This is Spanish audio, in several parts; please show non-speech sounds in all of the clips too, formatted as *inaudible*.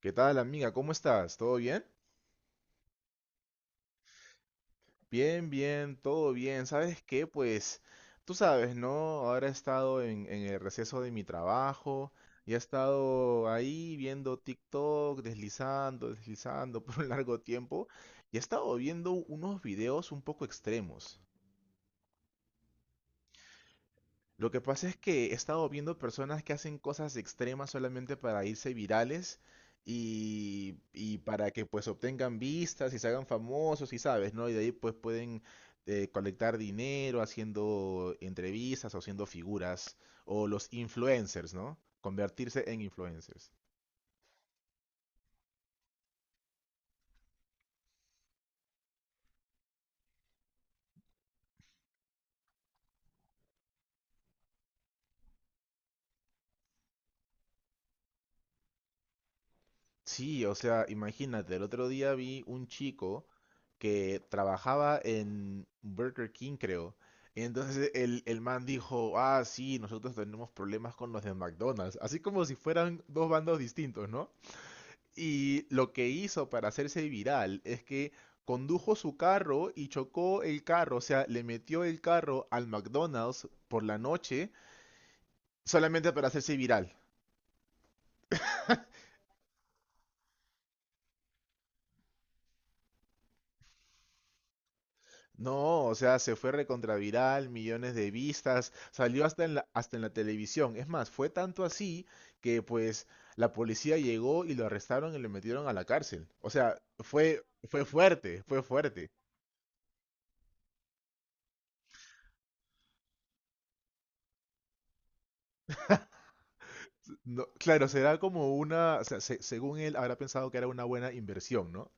¿Qué tal, amiga? ¿Cómo estás? ¿Todo bien? Bien, bien, todo bien. ¿Sabes qué? Pues tú sabes, ¿no? Ahora he estado en el receso de mi trabajo y he estado ahí viendo TikTok, deslizando, deslizando *laughs* por un largo tiempo y he estado viendo unos videos un poco extremos. Lo que pasa es que he estado viendo personas que hacen cosas extremas solamente para irse virales y para que pues obtengan vistas y se hagan famosos y sabes, ¿no? Y de ahí pues pueden colectar dinero haciendo entrevistas o haciendo figuras o los influencers, ¿no? Convertirse en influencers. Sí, o sea, imagínate, el otro día vi un chico que trabajaba en Burger King, creo. Y entonces el man dijo, ah, sí, nosotros tenemos problemas con los de McDonald's, así como si fueran dos bandos distintos, ¿no? Y lo que hizo para hacerse viral es que condujo su carro y chocó el carro, o sea, le metió el carro al McDonald's por la noche solamente para hacerse viral. No, o sea, se fue recontraviral, millones de vistas, salió hasta en la televisión. Es más, fue tanto así que pues la policía llegó y lo arrestaron y lo metieron a la cárcel. O sea, fue, fue fuerte, fue fuerte. No, claro, será como una, o sea, según él habrá pensado que era una buena inversión, ¿no?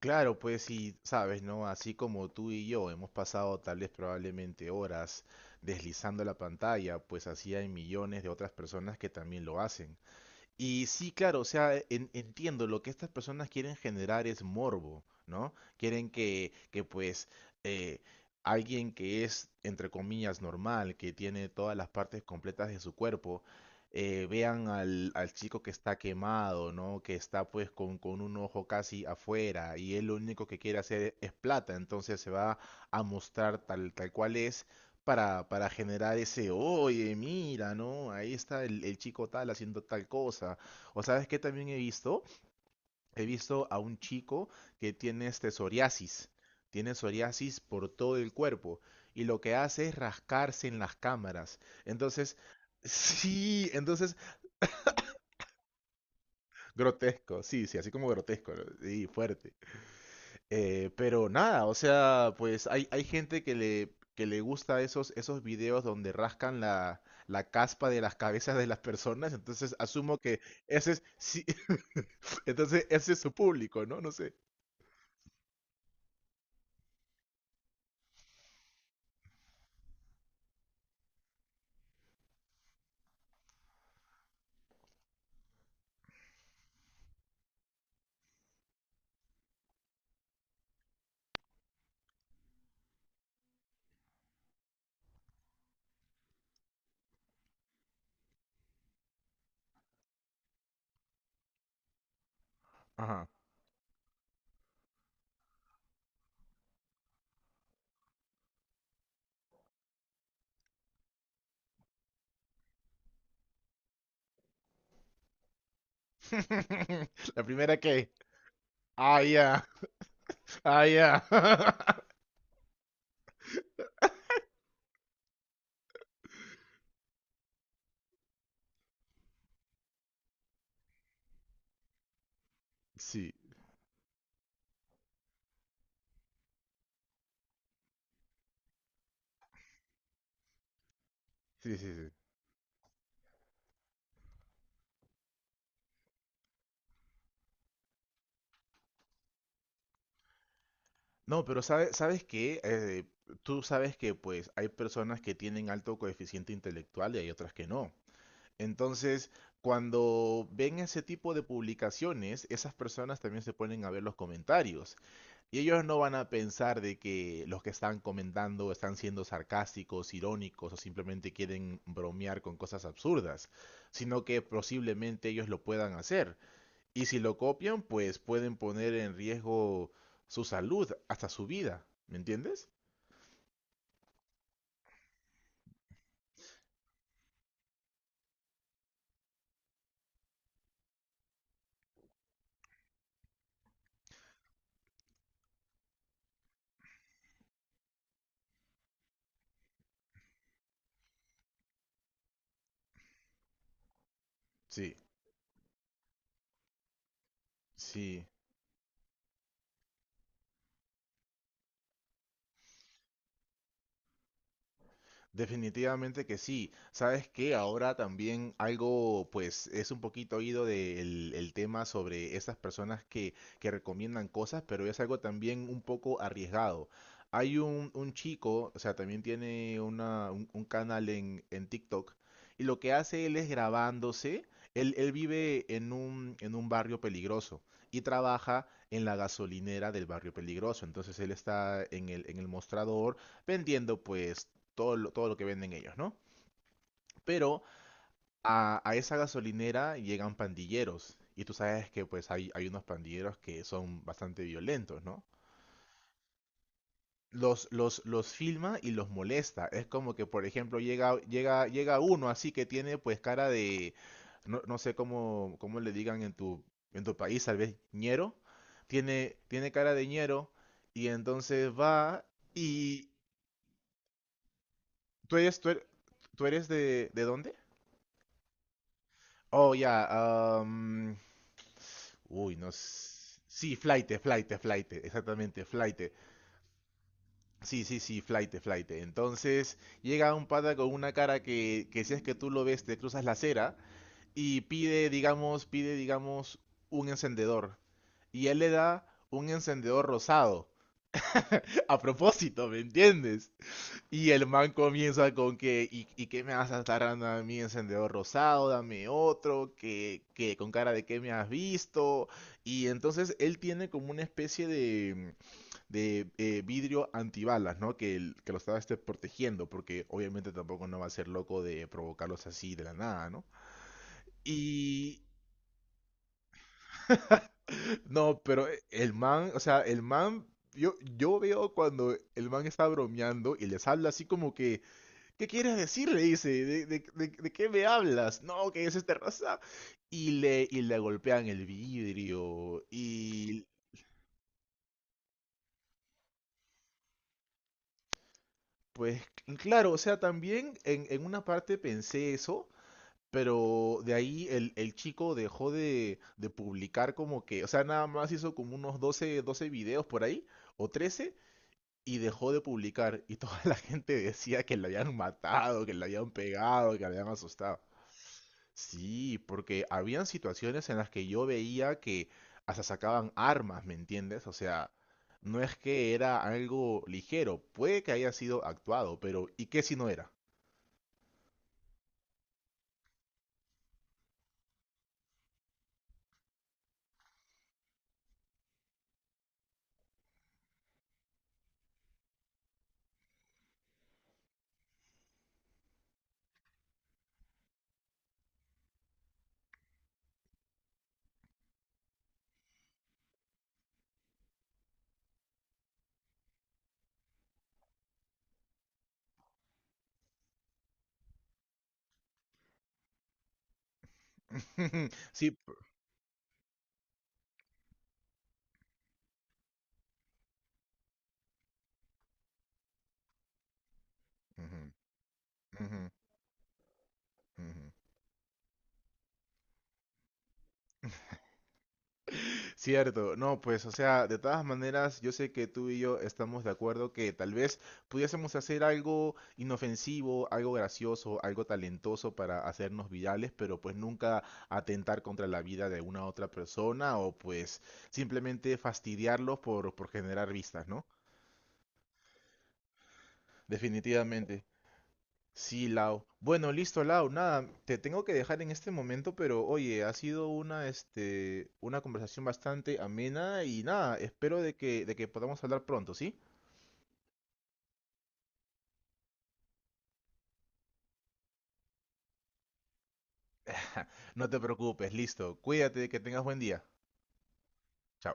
Claro, pues sí, sabes, ¿no? Así como tú y yo hemos pasado tal vez probablemente horas deslizando la pantalla, pues así hay millones de otras personas que también lo hacen. Y sí, claro, o sea, entiendo, lo que estas personas quieren generar es morbo, ¿no? Quieren que pues, eh, alguien que es, entre comillas, normal, que tiene todas las partes completas de su cuerpo, vean al chico que está quemado, ¿no? Que está pues con un ojo casi afuera y él lo único que quiere hacer es plata, entonces se va a mostrar tal, tal cual es para generar ese, oye, mira, ¿no? Ahí está el chico tal haciendo tal cosa. O sabes que también he visto a un chico que tiene este psoriasis, tiene psoriasis por todo el cuerpo y lo que hace es rascarse en las cámaras. Entonces, *laughs* sí, entonces, grotesco, sí, sí, así como grotesco, ¿no? Sí, fuerte. Pero nada, o sea, pues hay gente que le gusta esos, esos videos donde rascan la, la caspa de las cabezas de las personas, entonces asumo que ese es, sí, *laughs* entonces ese es su público, ¿no? No sé. Ajá. *laughs* La primera que... Ah, ya. Ah, ya. *laughs* Sí, sí, sí, sí. No, pero sabes, sabes qué, tú sabes que pues hay personas que tienen alto coeficiente intelectual y hay otras que no. Entonces, cuando ven ese tipo de publicaciones, esas personas también se ponen a ver los comentarios. Y ellos no van a pensar de que los que están comentando están siendo sarcásticos, irónicos o simplemente quieren bromear con cosas absurdas, sino que posiblemente ellos lo puedan hacer. Y si lo copian, pues pueden poner en riesgo su salud, hasta su vida. ¿Me entiendes? Sí, sí. Definitivamente que sí. Sabes que ahora también algo, pues, es un poquito oído del el tema sobre esas personas que recomiendan cosas, pero es algo también un poco arriesgado. Hay un chico, o sea, también tiene una, un canal en TikTok, y lo que hace él es grabándose. Él vive en un barrio peligroso y trabaja en la gasolinera del barrio peligroso. Entonces él está en el mostrador vendiendo pues todo lo que venden ellos, ¿no? Pero a esa gasolinera llegan pandilleros. Y tú sabes que pues hay unos pandilleros que son bastante violentos, ¿no? Los filma y los molesta. Es como que, por ejemplo, llega, llega, llega uno así que tiene pues cara de, no, no sé cómo, cómo le digan en tu país, tal vez ñero. Tiene, tiene cara de ñero y entonces va y tú eres, tú eres, tú eres ¿de dónde? Oh, ya, am, uy, no. Sí, flight, flight, flight, exactamente, flight. Sí, sí, sí, flight, flight. Entonces llega un pata con una cara que si es que tú lo ves, te cruzas la acera y pide, digamos, un encendedor. Y él le da un encendedor rosado. *laughs* A propósito, ¿me entiendes? Y el man comienza con que, y qué me vas a estar dando a mí encendedor rosado? Dame otro, que con cara de que me has visto. Y entonces él tiene como una especie de vidrio antibalas, ¿no? Que, que lo estaba este, protegiendo, porque obviamente tampoco no va a ser loco de provocarlos así de la nada, ¿no? Y no, pero el man, o sea, el man, yo veo cuando el man está bromeando y les habla así como que ¿qué quieres decir? Le dice, ¿de qué me hablas? No, que es esta raza. Y le golpean el vidrio. Y pues, claro, o sea, también en una parte pensé eso, pero de ahí el chico dejó de publicar como que, o sea, nada más hizo como unos doce videos por ahí, o 13 y dejó de publicar. Y toda la *laughs* gente decía que le habían matado, que le habían pegado, que le habían asustado. Sí, porque habían situaciones en las que yo veía que hasta sacaban armas, ¿me entiendes? O sea, no es que era algo ligero, puede que haya sido actuado, pero ¿y qué si no era? *laughs* Sí. Ujú, ujú, ujú. Cierto, no, pues, o sea, de todas maneras, yo sé que tú y yo estamos de acuerdo que tal vez pudiésemos hacer algo inofensivo, algo gracioso, algo talentoso para hacernos virales, pero pues nunca atentar contra la vida de una otra persona o pues simplemente fastidiarlos por generar vistas, ¿no? Definitivamente. Sí, Lau. Bueno, listo, Lau. Nada, te tengo que dejar en este momento, pero oye, ha sido una, este, una conversación bastante amena y nada, espero de que podamos hablar pronto, ¿sí? *laughs* No te preocupes, listo. Cuídate, que tengas buen día. Chao.